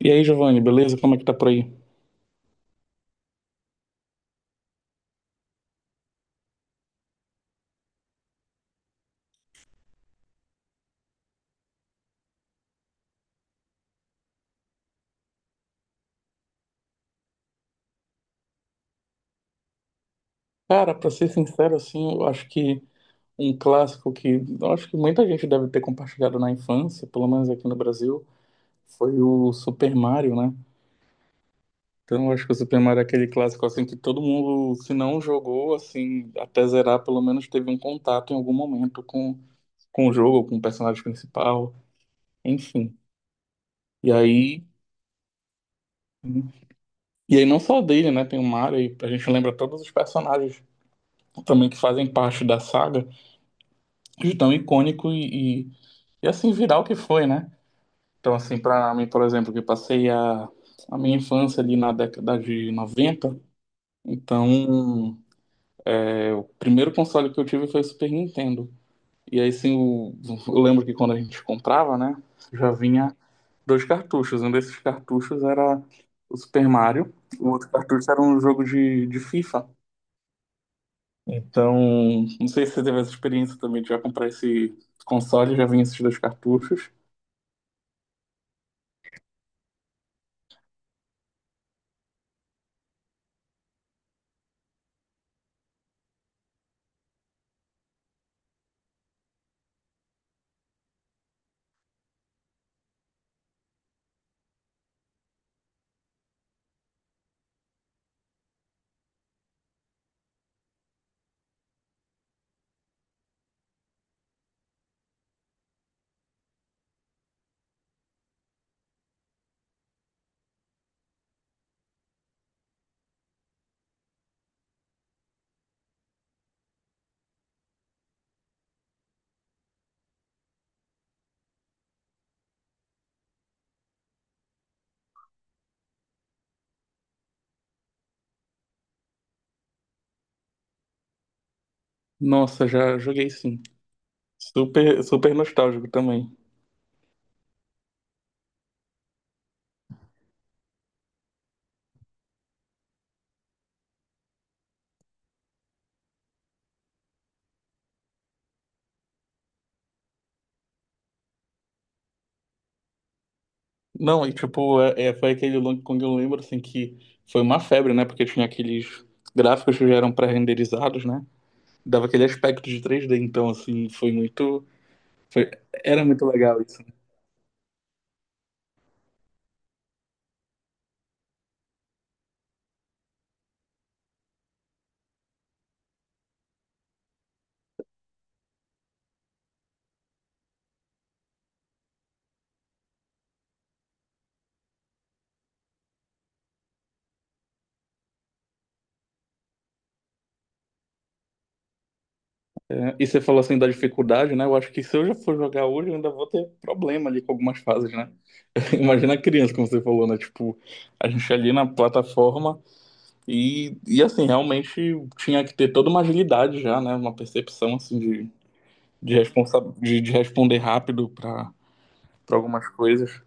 E aí, Giovanni, beleza? Como é que tá por aí? Cara, pra ser sincero, assim, eu acho que um clássico que eu acho que muita gente deve ter compartilhado na infância, pelo menos aqui no Brasil, foi o Super Mario, né? Então, eu acho que o Super Mario é aquele clássico, assim, que todo mundo, se não jogou, assim, até zerar, pelo menos teve um contato em algum momento com o jogo, com o personagem principal, enfim. E aí, e aí, não só dele, né? Tem o Mario, e a gente lembra todos os personagens também que fazem parte da saga. De tão icônico e assim viral que foi, né? Então, assim, para mim, por exemplo, que eu passei a minha infância ali na década de 90, então, o primeiro console que eu tive foi o Super Nintendo. E aí, sim, eu lembro que quando a gente comprava, né, já vinha dois cartuchos. Um desses cartuchos era o Super Mario, o outro cartucho era um jogo de FIFA. Então, não sei se você teve essa experiência também de já comprar esse console, já vinha esses dois cartuchos. Nossa, já joguei sim. Super, super nostálgico também. Não, e tipo, foi aquele Long Kong, eu lembro assim que foi uma febre, né? Porque tinha aqueles gráficos que já eram pré-renderizados, né? Dava aquele aspecto de 3D, então assim, foi muito. foi- Era muito legal isso, né? É, e você falou assim da dificuldade, né? Eu acho que se eu já for jogar hoje, eu ainda vou ter problema ali com algumas fases, né? Imagina a criança, como você falou, né? Tipo, a gente ali na plataforma. E assim, realmente tinha que ter toda uma agilidade já, né? Uma percepção assim de responder rápido para algumas coisas.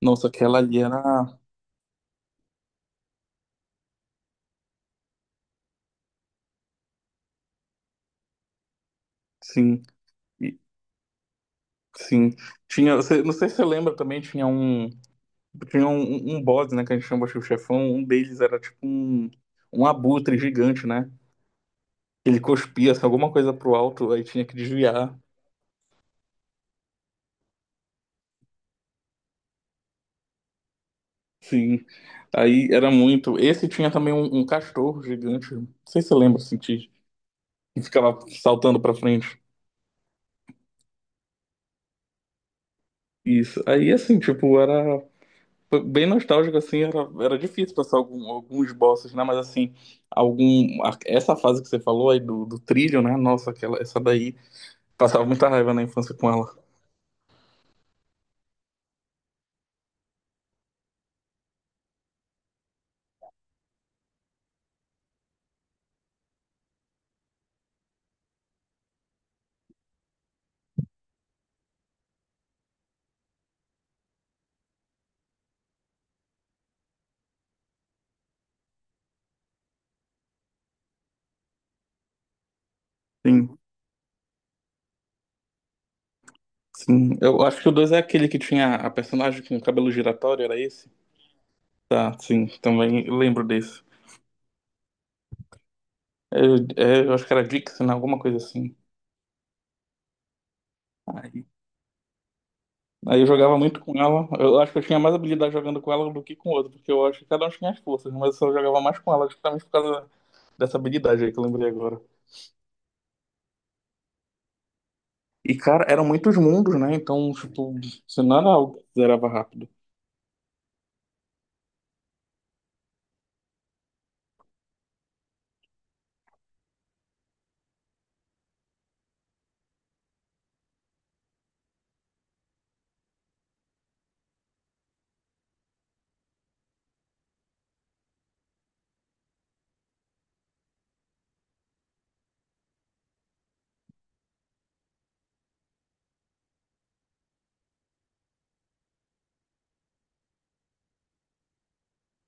Nossa, aquela ali era. Sim, e- sim. Tinha, não sei se você lembra também, tinha um. Tinha um boss, né? Que a gente chama de chefão. Um deles era tipo um abutre gigante, né? Ele cuspia assim, alguma coisa pro alto, aí tinha que desviar. Sim. Aí era muito. Esse tinha também um castor gigante. Não sei se você lembra, assim, e ficava saltando pra frente. Isso. Aí, assim, tipo, era foi bem nostálgico, assim, era difícil passar alguns bosses, né? Mas, assim, essa fase que você falou aí do trilho, né? Nossa, essa daí, passava muita raiva na infância com ela. Sim, sim. Eu acho que o 2 é aquele que tinha a personagem com o cabelo giratório, era esse? Tá, sim, também lembro desse. Eu acho que era Dixon, alguma coisa assim. Aí eu jogava muito com ela. Eu acho que eu tinha mais habilidade jogando com ela do que com o outro, porque eu acho que cada um tinha as forças, mas eu só jogava mais com ela, justamente por causa dessa habilidade aí que eu lembrei agora. E, cara, eram muitos mundos, né? Então, tipo, você não era algo que zerava rápido.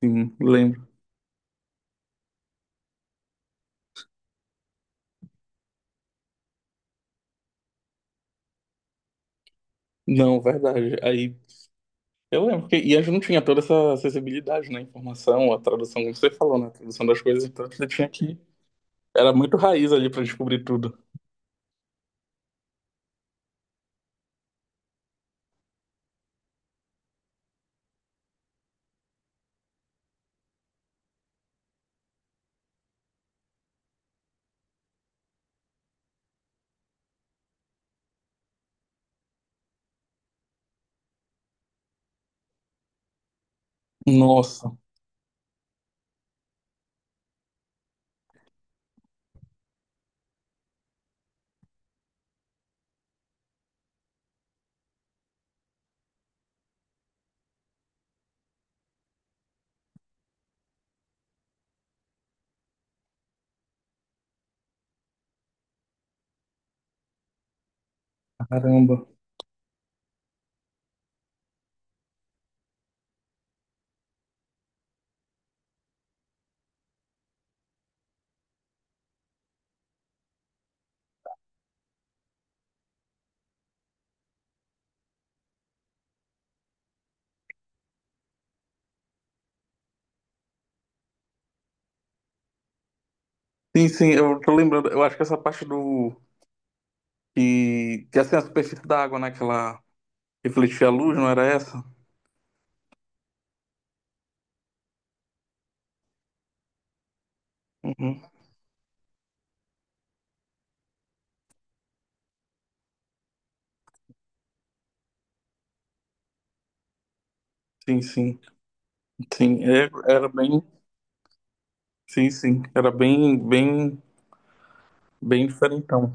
Sim, lembro. Não, verdade. Aí eu lembro que e a gente não tinha toda essa acessibilidade, né? Informação, a tradução, como você falou, né? A tradução das coisas, então você tinha que. Era muito raiz ali pra descobrir tudo. Nossa, caramba. Sim, sim, eu tô lembrando. Eu acho que essa parte do E que é, assim, a superfície da água, né? Que ela refletia a luz, não era essa? Uhum. Sim, sim. Sim, era bem. Sim, sim. Era bem, bem, bem diferentão.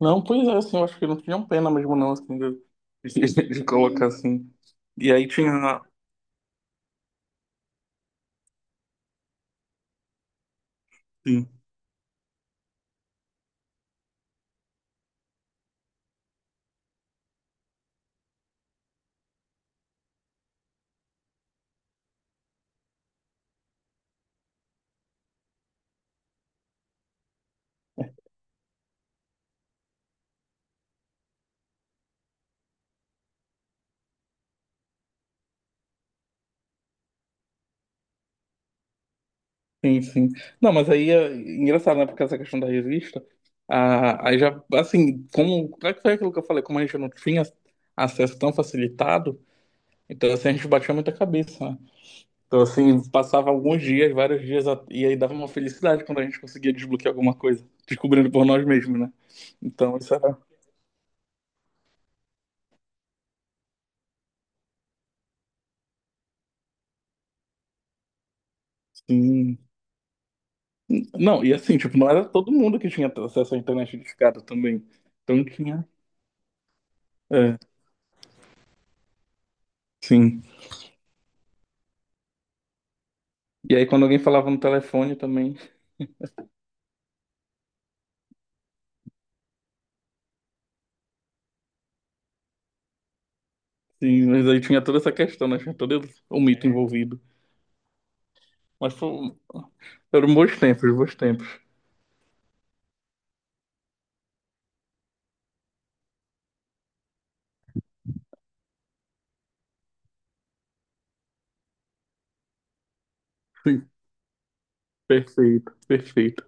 Não, pois é, assim, eu acho que não tinham pena mesmo, não, assim, de colocar assim. E aí tinha. Sim, sim, sim. Não, mas aí é engraçado, né? Porque essa questão da revista. Ah, aí já, assim, Como é que foi aquilo que eu falei? Como a gente não tinha acesso tão facilitado, então assim, a gente batia muita cabeça, né? Então, assim, passava alguns dias, vários dias, e aí dava uma felicidade quando a gente conseguia desbloquear alguma coisa, descobrindo por nós mesmos, né? Então, isso era assim. Não, e assim, tipo, não era todo mundo que tinha acesso à internet discada também. Então tinha. É, sim. E aí, quando alguém falava no telefone também, sim, mas aí tinha toda essa questão, né? Tinha todo o mito envolvido. Mas eram bons tempos, bons tempos. Sim, perfeito, perfeito.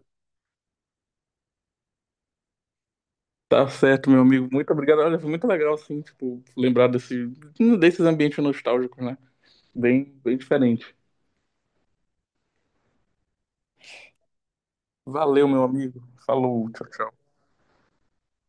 Tá certo, meu amigo. Muito obrigado. Olha, foi muito legal, assim, tipo, lembrar desses ambientes nostálgicos, né? Bem, bem diferente. Valeu, meu amigo. Falou, tchau, tchau.